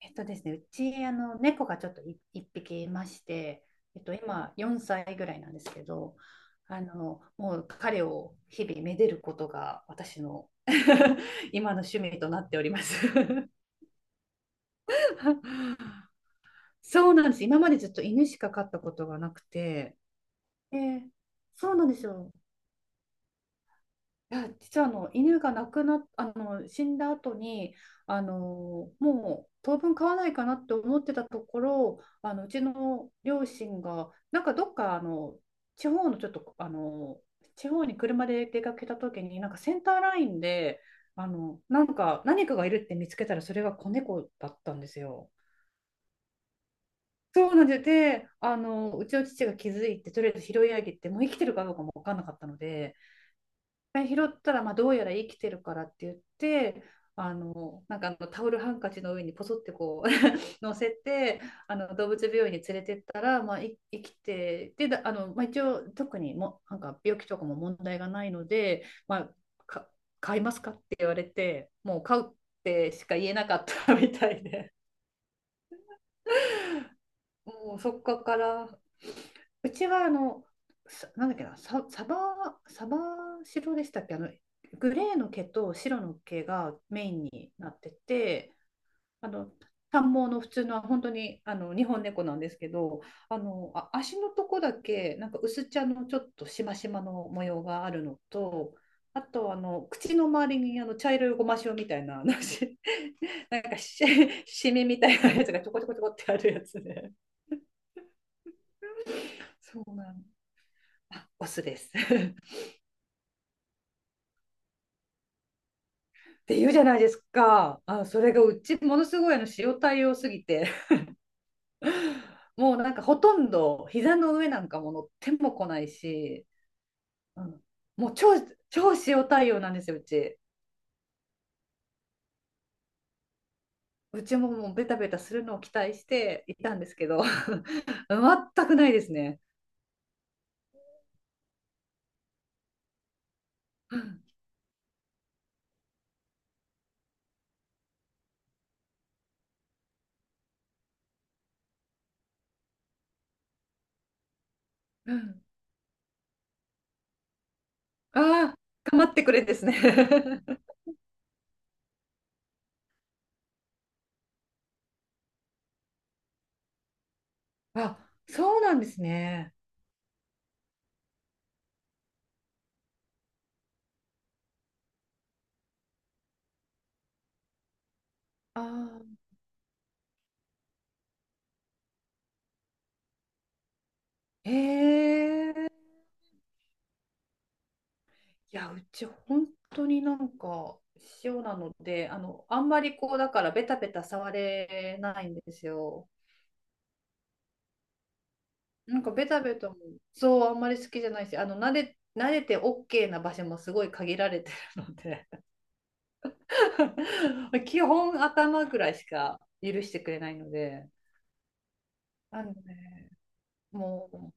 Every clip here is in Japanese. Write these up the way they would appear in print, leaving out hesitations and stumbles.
えっとですね、うち、猫がちょっと一匹いまして、今4歳ぐらいなんですけど、もう彼を日々めでることが私の 今の趣味となっております。 そうなんです。今までずっと犬しか飼ったことがなくて、で、そうなんですよ。いや、実はあの犬が亡くなっ、あの死んだ後にもう当分飼わないかなって思ってたところうちの両親がなんかどっか地方のちょっと地方に車で出かけた時になんかセンターラインでなんか何かがいるって見つけたらそれが子猫だったんですよ。そうなんです。で、うちの父が気づいてとりあえず拾い上げて、もう生きてるかどうかも分かんなかったので。回拾ったら、まあ、どうやら生きてるからって言って、なんかタオルハンカチの上にポソってこう 乗せて、動物病院に連れてったら、まあ、生きて、で、だあの、まあ、一応特にも、なんか病気とかも問題がないので、まあ、か買いますかって言われて、もう買うってしか言えなかった みたいで。おー、そっかから。うちはさなんだっけな、サ、サバ、サバ白でしたっけ、グレーの毛と白の毛がメインになってて、あの、短毛の普通の本当に日本猫なんですけど、足のとこだけなんか薄茶のちょっとしましまの模様があるのと、あと口の周りに茶色いごま塩みたいな、なんかしみみたいなやつがちょこちょこちょこってあるやつで、そうなんあオスです って言うじゃないですか。あ、それがうちものすごい塩対応すぎて もうなんかほとんど膝の上なんかも乗っても来ないし、うん、もう超超塩対応なんですよ、うち。うちももうベタベタするのを期待していたんですけど 全くないですね。うんうん、ああ、構ってくれですね。 あ、そうなんですね。ああ、へえ。いや、うち本当になんか塩なので、あんまりこう、だからベタベタ触れないんですよ。なんかベタベタも、そう、あんまり好きじゃないし、慣れて OK な場所もすごい限られてるので、 基本頭ぐらいしか許してくれないので、あのね、もう、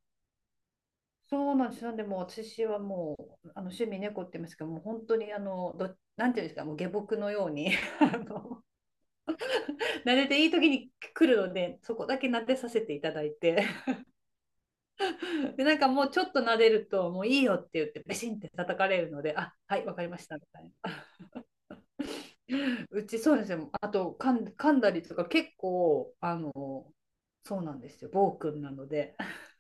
そうなんです。なんでもう私はもう趣味猫って言いますけど、もう本当にあのど、なんていうんですか、もう下僕のように あの撫でていい時に来るので、そこだけ撫でさせていただいて で、なんかもうちょっと撫でるともういいよって言ってベシンって叩かれるので、あ、はい、わかりましたみたいな。 うち、そうですよ。あと噛んだりとか結構。そうなんですよ、暴君なので。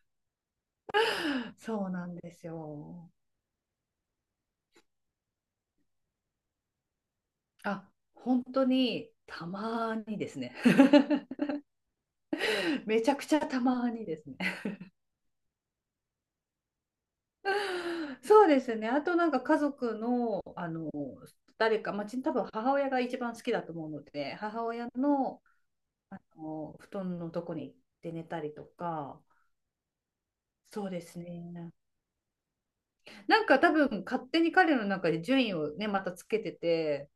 そうなんですよ、あ、本当にたまにですね。 めちゃくちゃたまにですね。 そうですね。あとなんか家族の、誰か、まあ、多分母親が一番好きだと思うので、母親の布団のとこに行って寝たりとか、そうですね。なんか多分勝手に彼の中で順位をね、またつけてて、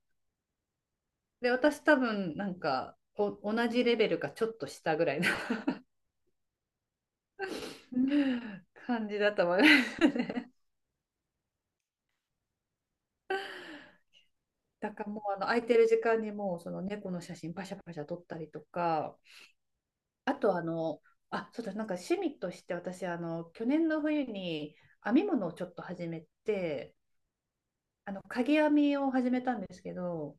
で、私多分なんか同じレベルかちょっと下ぐらいな 感じだったわね。だからもう空いてる時間にもうその猫の写真パシャパシャ撮ったりとか、あとあ、そうだ、なんか趣味として私、去年の冬に編み物をちょっと始めて、かぎ編みを始めたんですけど、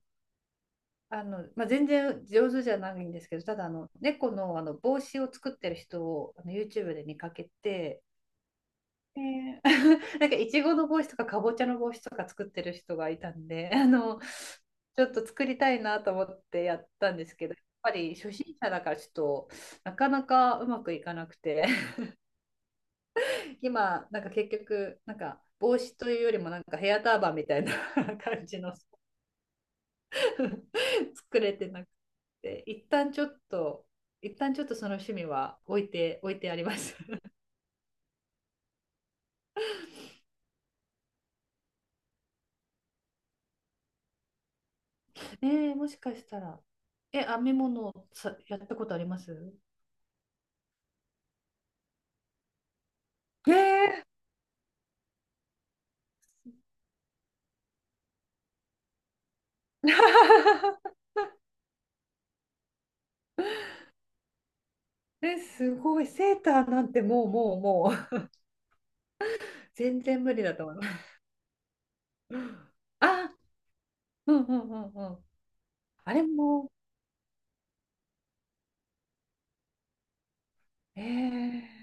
まあ、全然上手じゃないんですけど、ただ猫の、帽子を作ってる人をYouTube で見かけて、で、 なんかいちごの帽子とかかぼちゃの帽子とか作ってる人がいたんで、ちょっと作りたいなと思ってやったんですけど、やっぱり初心者だからちょっとなかなかうまくいかなくて、今、なんか結局、なんか帽子というよりも、なんかヘアターバンみたいな 感じの 作れてなくて、一旦ちょっとその趣味は置いてあります。もしかしたら、編み物さ、やったことあります？ええー。 え、すごい。セーターなんてもうもうもう。全然無理だと思います。あ、うんうんうんうん。あれも、ええー、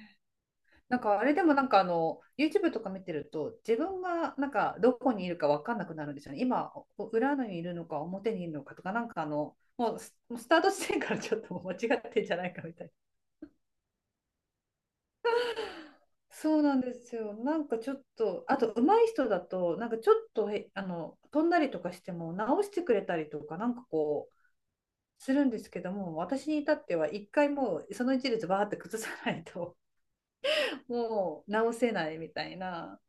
なんかあれでもなんかYouTube とか見てると、自分がなんかどこにいるか分かんなくなるんですよね。今、裏にいるのか表にいるのかとか、なんかもうスタート地点からちょっともう間違ってんじゃないかみたいな。そうなんですよ。なんかちょっとあと上手い人だとなんかちょっとへあの飛んだりとかしても直してくれたりとか、なんかこうするんですけども、私に至っては一回もうその一列バーって崩さないともう直せないみたいな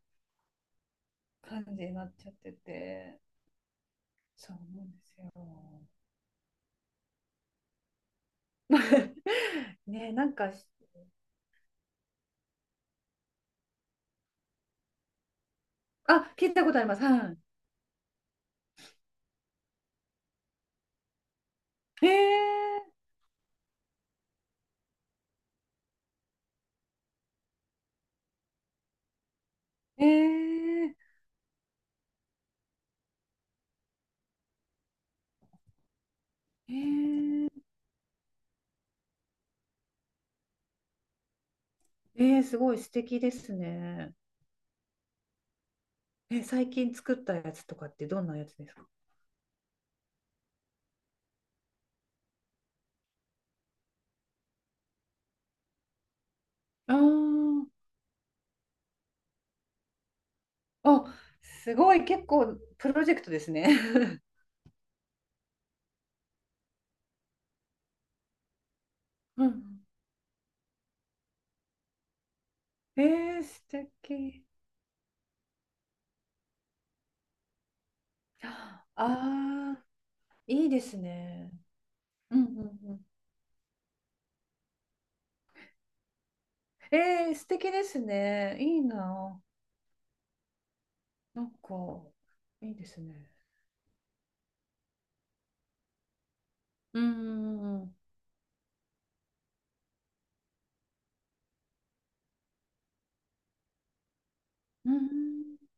感じになっちゃってて。そう思うんですよ。ねえ、なんかし、あ、聞いたことあります。はい。えー、えー、えー、えー、すごい素敵ですね。え、最近作ったやつとかってどんなやつですか？あーあ、すごい、結構プロジェクトですね。うん。えー、素敵。ああ、いいですね。うんうんうん。えー、素敵ですね。いいな。なんか、いいですね。うんうんうんうんうん。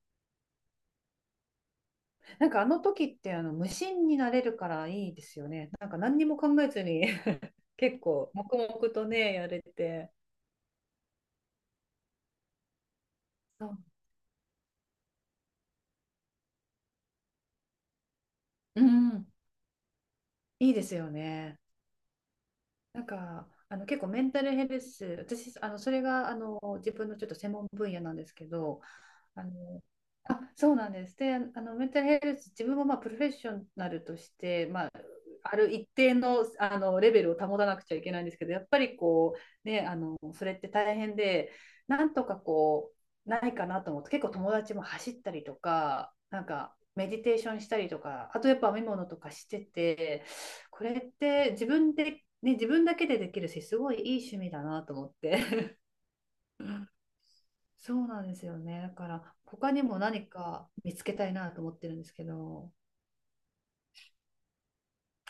なんかあの時って無心になれるからいいですよね。なんか何にも考えずに。 結構黙々とね、やれて。そう。うんうん、いいですよね。なんか結構メンタルヘルス、私、それが自分のちょっと専門分野なんですけど、あのあ、そうなんです。で、メンタルヘルス、自分もまあプロフェッショナルとして、まあ、ある一定の、レベルを保たなくちゃいけないんですけど、やっぱりこう、ね、それって大変で、なんとかこう、ないかなと思って、結構友達も走ったりとか、なんかメディテーションしたりとか、あとやっぱ編み物とかしてて、これって自分で、ね、自分だけでできるし、すごいいい趣味だなと思って。そうなんですよね。だから、他にも何か見つけたいなと思ってるんですけど。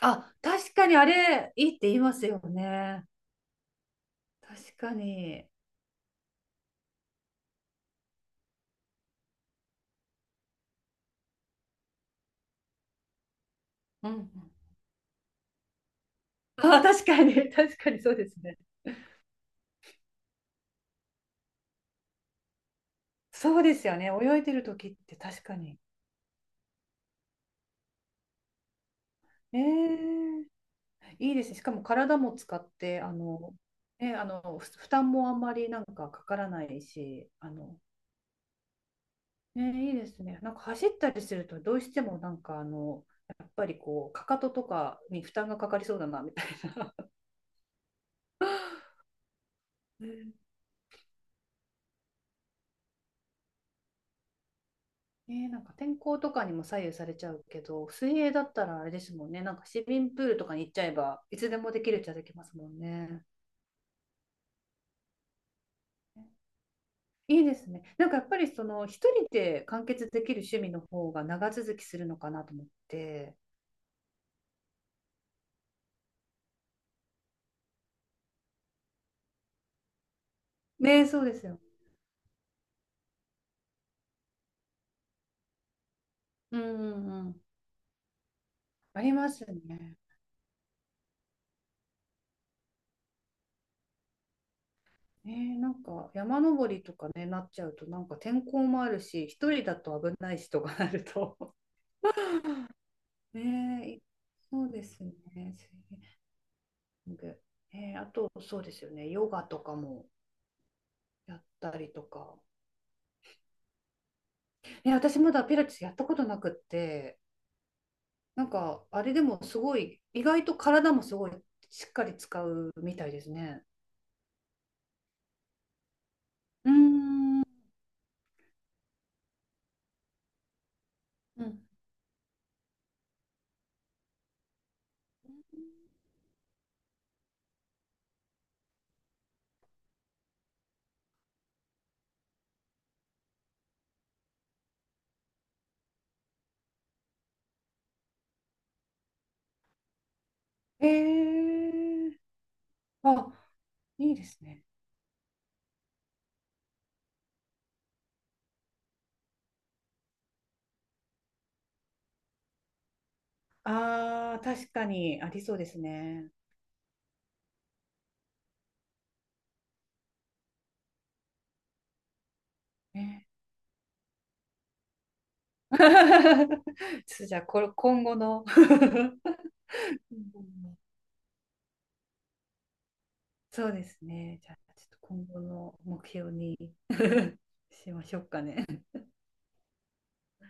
あ、確かにあれ、いいって言いますよね。確かに。うん。 あ、確かに。確かにそうですね。そうですよね。泳いでる時って確かに。えー、いいですね。しかも体も使って、ね、負担もあんまりなんかかからないし、ね、いいですね。なんか走ったりすると、どうしてもなんかやっぱりこう、かかととかに負担がかかりそうだな、みたいな。ね、なんか天候とかにも左右されちゃうけど、水泳だったらあれですもんね。なんか市民プールとかに行っちゃえば、いつでもできるっちゃできますもんね。いいですね。なんかやっぱり一人で完結できる趣味の方が長続きするのかなと思って。ね、そうですよ。うんうんうん。ありますね。ねえ、なんか山登りとかね、なっちゃうと、なんか天候もあるし、一人だと危ないしとかなると、 ねえ、そうですね、スイミング。あと、そうですよね、ヨガとかもやったりとか。いや、私まだピラティスやったことなくって、なんかあれでもすごい、意外と体もすごいしっかり使うみたいですね。うーん。えー、あ、いいですね。ああ、確かにありそうですね。えー ちょっとじゃあ、これ、今後の。 うん、そうですね。じゃあ、ちょっと今後の目標に しましょうかね。